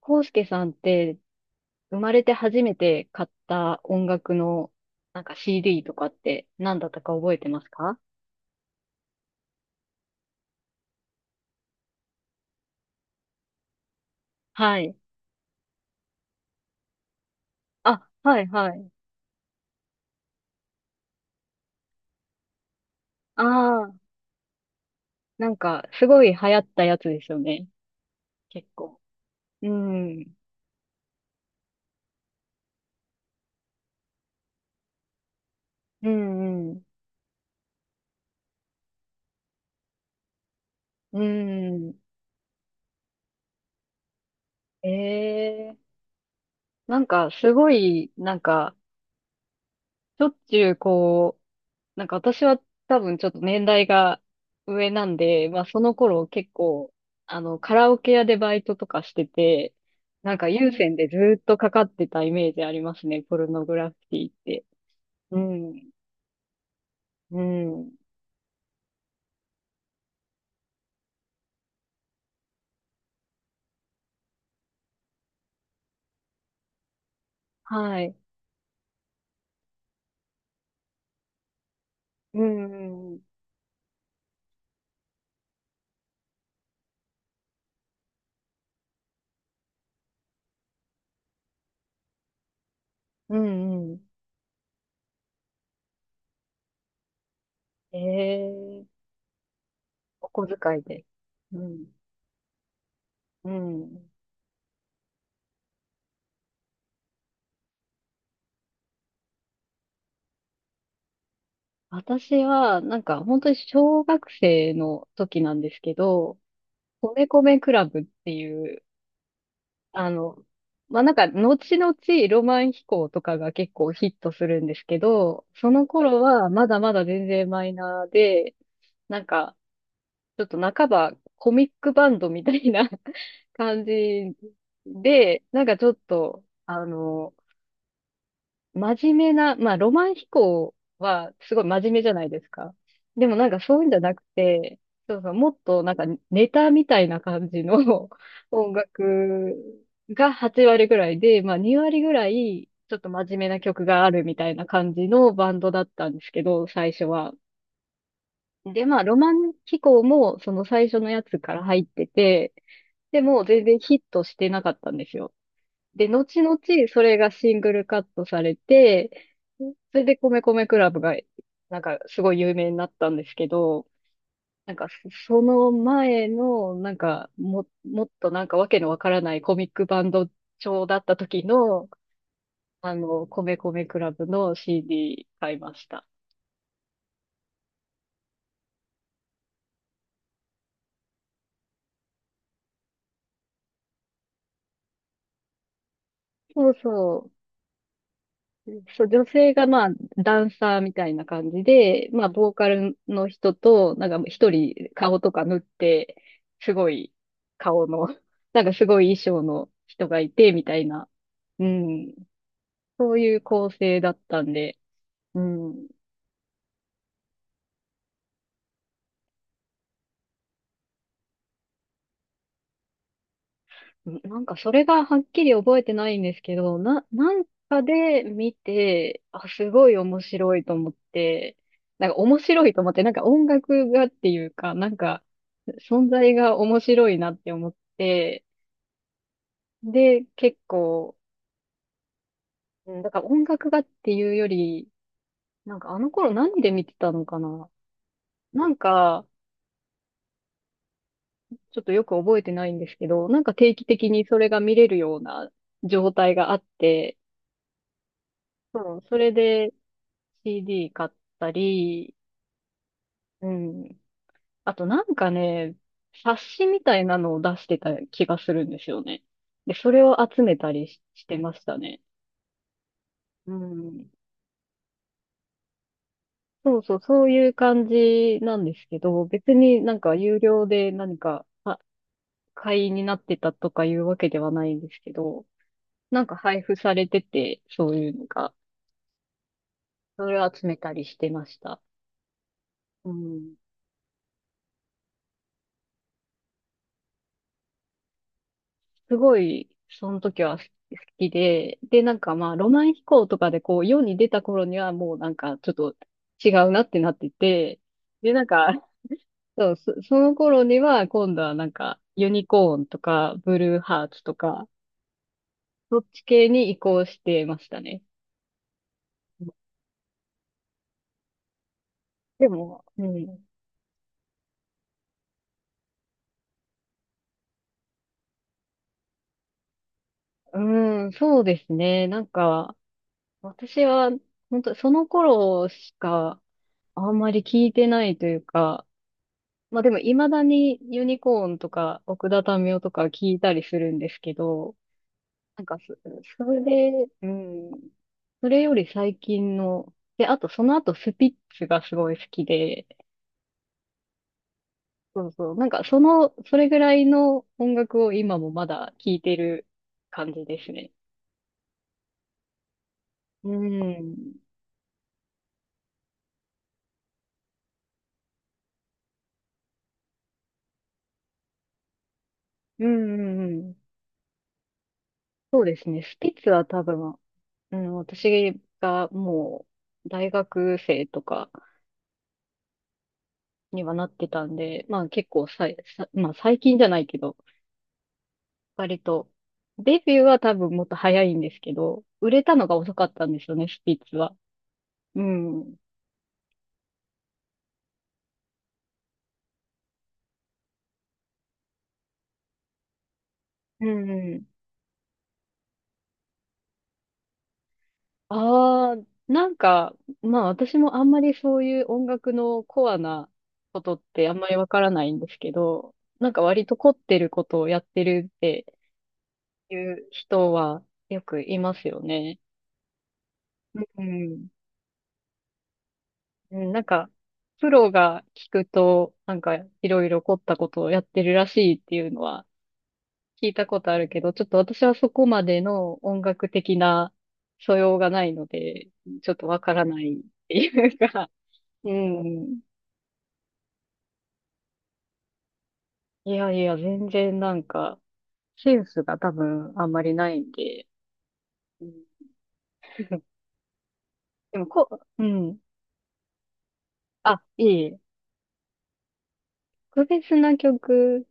コウスケさんって生まれて初めて買った音楽のなんか CD とかって何だったか覚えてますか？はい。あ、はいはい。ああ、なんかすごい流行ったやつですよね。結構。うん。うんうん。うん。ええ、なんかすごい、なんかしょっちゅうこう、なんか私は多分ちょっと年代が上なんで、まあその頃結構、あの、カラオケ屋でバイトとかしてて、なんか有線でずーっとかかってたイメージありますね、ポルノグラフィティって。うん、うん、はい。うん、うん、うん。ええ、お小遣いで。うん、うん。私は、なんか本当に小学生の時なんですけど、米米クラブっていう、あの、まあ、なんか、後々ロマン飛行とかが結構ヒットするんですけど、その頃はまだまだ全然マイナーで、なんか、ちょっと半ばコミックバンドみたいな 感じで、なんかちょっと、あの、真面目な、まあ、ロマン飛行はすごい真面目じゃないですか。でもなんかそういうんじゃなくて、そうそう、もっとなんかネタみたいな感じの 音楽が8割ぐらいで、まあ2割ぐらいちょっと真面目な曲があるみたいな感じのバンドだったんですけど、最初は。で、まあロマン飛行もその最初のやつから入ってて、でも全然ヒットしてなかったんですよ。で、後々それがシングルカットされて、それで米米クラブが、なんかすごい有名になったんですけど、なんかその前の、なんか、っとなんかわけのわからないコミックバンド調だった時の、あの、米米クラブの CD 買いました。そうそう。そう、女性がまあ、ダンサーみたいな感じで、まあ、ボーカルの人と、なんか一人顔とか塗って、すごい顔の、なんかすごい衣装の人がいて、みたいな、うん、そういう構成だったんで、うん。なんかそれがはっきり覚えてないんですけど、なんかで見て、あ、すごい面白いと思って、なんか面白いと思って、なんか音楽がっていうか、なんか存在が面白いなって思って、で、結構、うんだから音楽がっていうより、なんかあの頃何で見てたのかな？なんか、ちょっとよく覚えてないんですけど、なんか定期的にそれが見れるような状態があって、そう、それで、CD 買ったり、うん。あとなんかね、冊子みたいなのを出してた気がするんですよね。で、それを集めたり、してましたね。うん。そうそう、そういう感じなんですけど、別になんか有料で何かあ会員になってたとかいうわけではないんですけど、なんか配布されてて、そういうのが、それを集めたりしてました。うん、すごい、その時は好きで、で、なんかまあ、ロマン飛行とかでこう、世に出た頃にはもうなんか、ちょっと違うなってなってて、で、なんか、その頃には今度はなんか、ユニコーンとか、ブルーハーツとか、そっち系に移行してましたね。でも、うん。うーん、そうですね。なんか、私は、本当その頃しか、あんまり聞いてないというか、まあでも未だにユニコーンとか奥田民生とか聞いたりするんですけど、なんかそ、それで、うん、それより最近の、で、あとその後スピッツがすごい好きで、そうそう、なんかその、それぐらいの音楽を今もまだ聞いてる感じですね。うん、うん、うん、うんですね。スピッツは多分、うん、私がもう大学生とか、にはなってたんで、まあ結構さい、さ、まあ最近じゃないけど、割と、デビューは多分もっと早いんですけど、売れたのが遅かったんですよね、スピッツは。うん。うんうん。ああ、なんか、まあ私もあんまりそういう音楽のコアなことってあんまりわからないんですけど、なんか割と凝ってることをやってるっていう人はよくいますよね。うん。うん、なんか、プロが聞くと、なんか、いろいろ凝ったことをやってるらしいっていうのは聞いたことあるけど、ちょっと私はそこまでの音楽的な素養がないので、ちょっとわからないっていうか、うん。いやいや、全然なんか、センスが多分あんまりないんで、うん、でもこ、うん。あ、いい。特別な曲、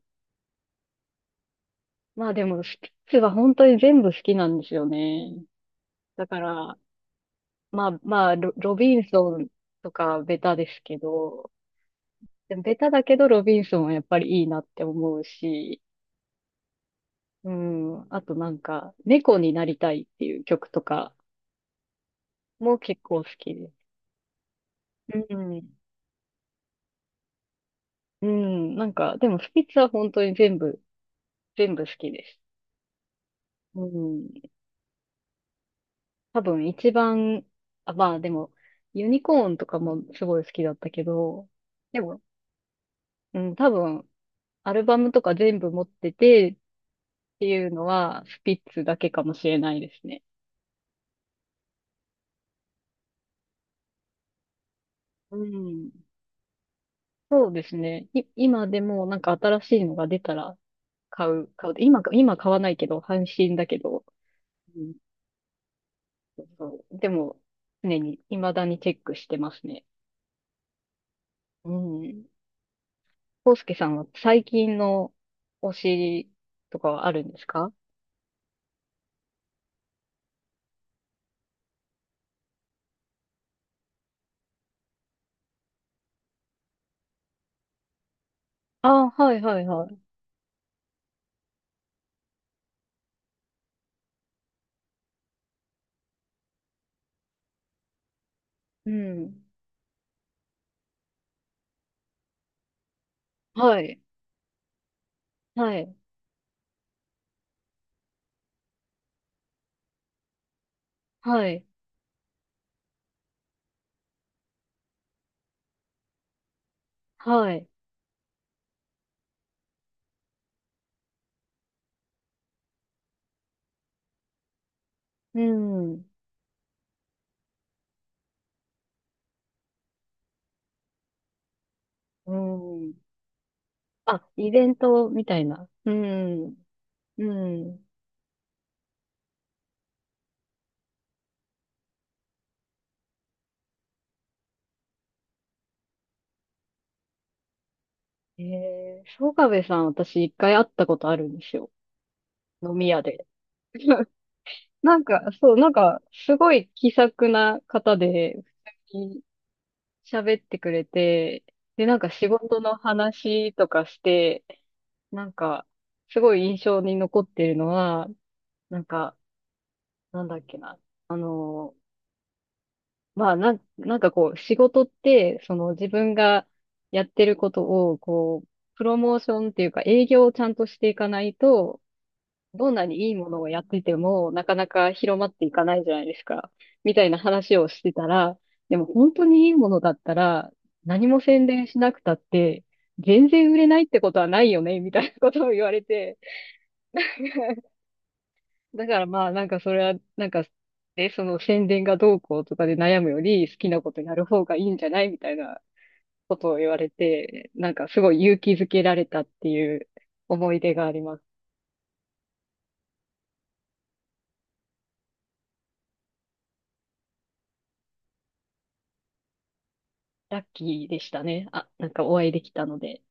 まあでも、スピッツは本当に全部好きなんですよね。だから、まあまあ、ロビンソンとかベタですけど、でもベタだけどロビンソンはやっぱりいいなって思うし、うん、あとなんか、猫になりたいっていう曲とかも結構好きです。うん、うん、なんか、でもスピッツは本当に全部、全部好きです。うん、多分一番、あ、まあでも、ユニコーンとかもすごい好きだったけど、でも、うん、多分、アルバムとか全部持ってて、っていうのは、スピッツだけかもしれないですね。うん。そうですね。今でもなんか新しいのが出たら買う、買う。今今買わないけど、半信だけど。うん。そう。でも、常に、未だにチェックしてますね。うん。康介さんは最近の推しとかはあるんですか？ああ、はいはいはい。うん。はい。はい。はい。はい。うん。うん。あ、イベントみたいな。うん。うん。ええー、曽我部さん、私一回会ったことあるんですよ。飲み屋で。なんか、そう、なんか、すごい気さくな方で、普通に喋ってくれて、で、なんか仕事の話とかして、なんか、すごい印象に残ってるのは、なんか、なんだっけな。あのーまあ、なんかこう、仕事って、その自分がやってることを、こう、プロモーションっていうか営業をちゃんとしていかないと、どんなにいいものをやってても、なかなか広まっていかないじゃないですか。みたいな話をしてたら、でも本当にいいものだったら、何も宣伝しなくたって、全然売れないってことはないよね、みたいなことを言われて。だからまあ、なんかそれは、なんか、で、その宣伝がどうこうとかで悩むより、好きなことやる方がいいんじゃないみたいなことを言われて、なんかすごい勇気づけられたっていう思い出があります。ラッキーでしたね。あ、なんかお会いできたので。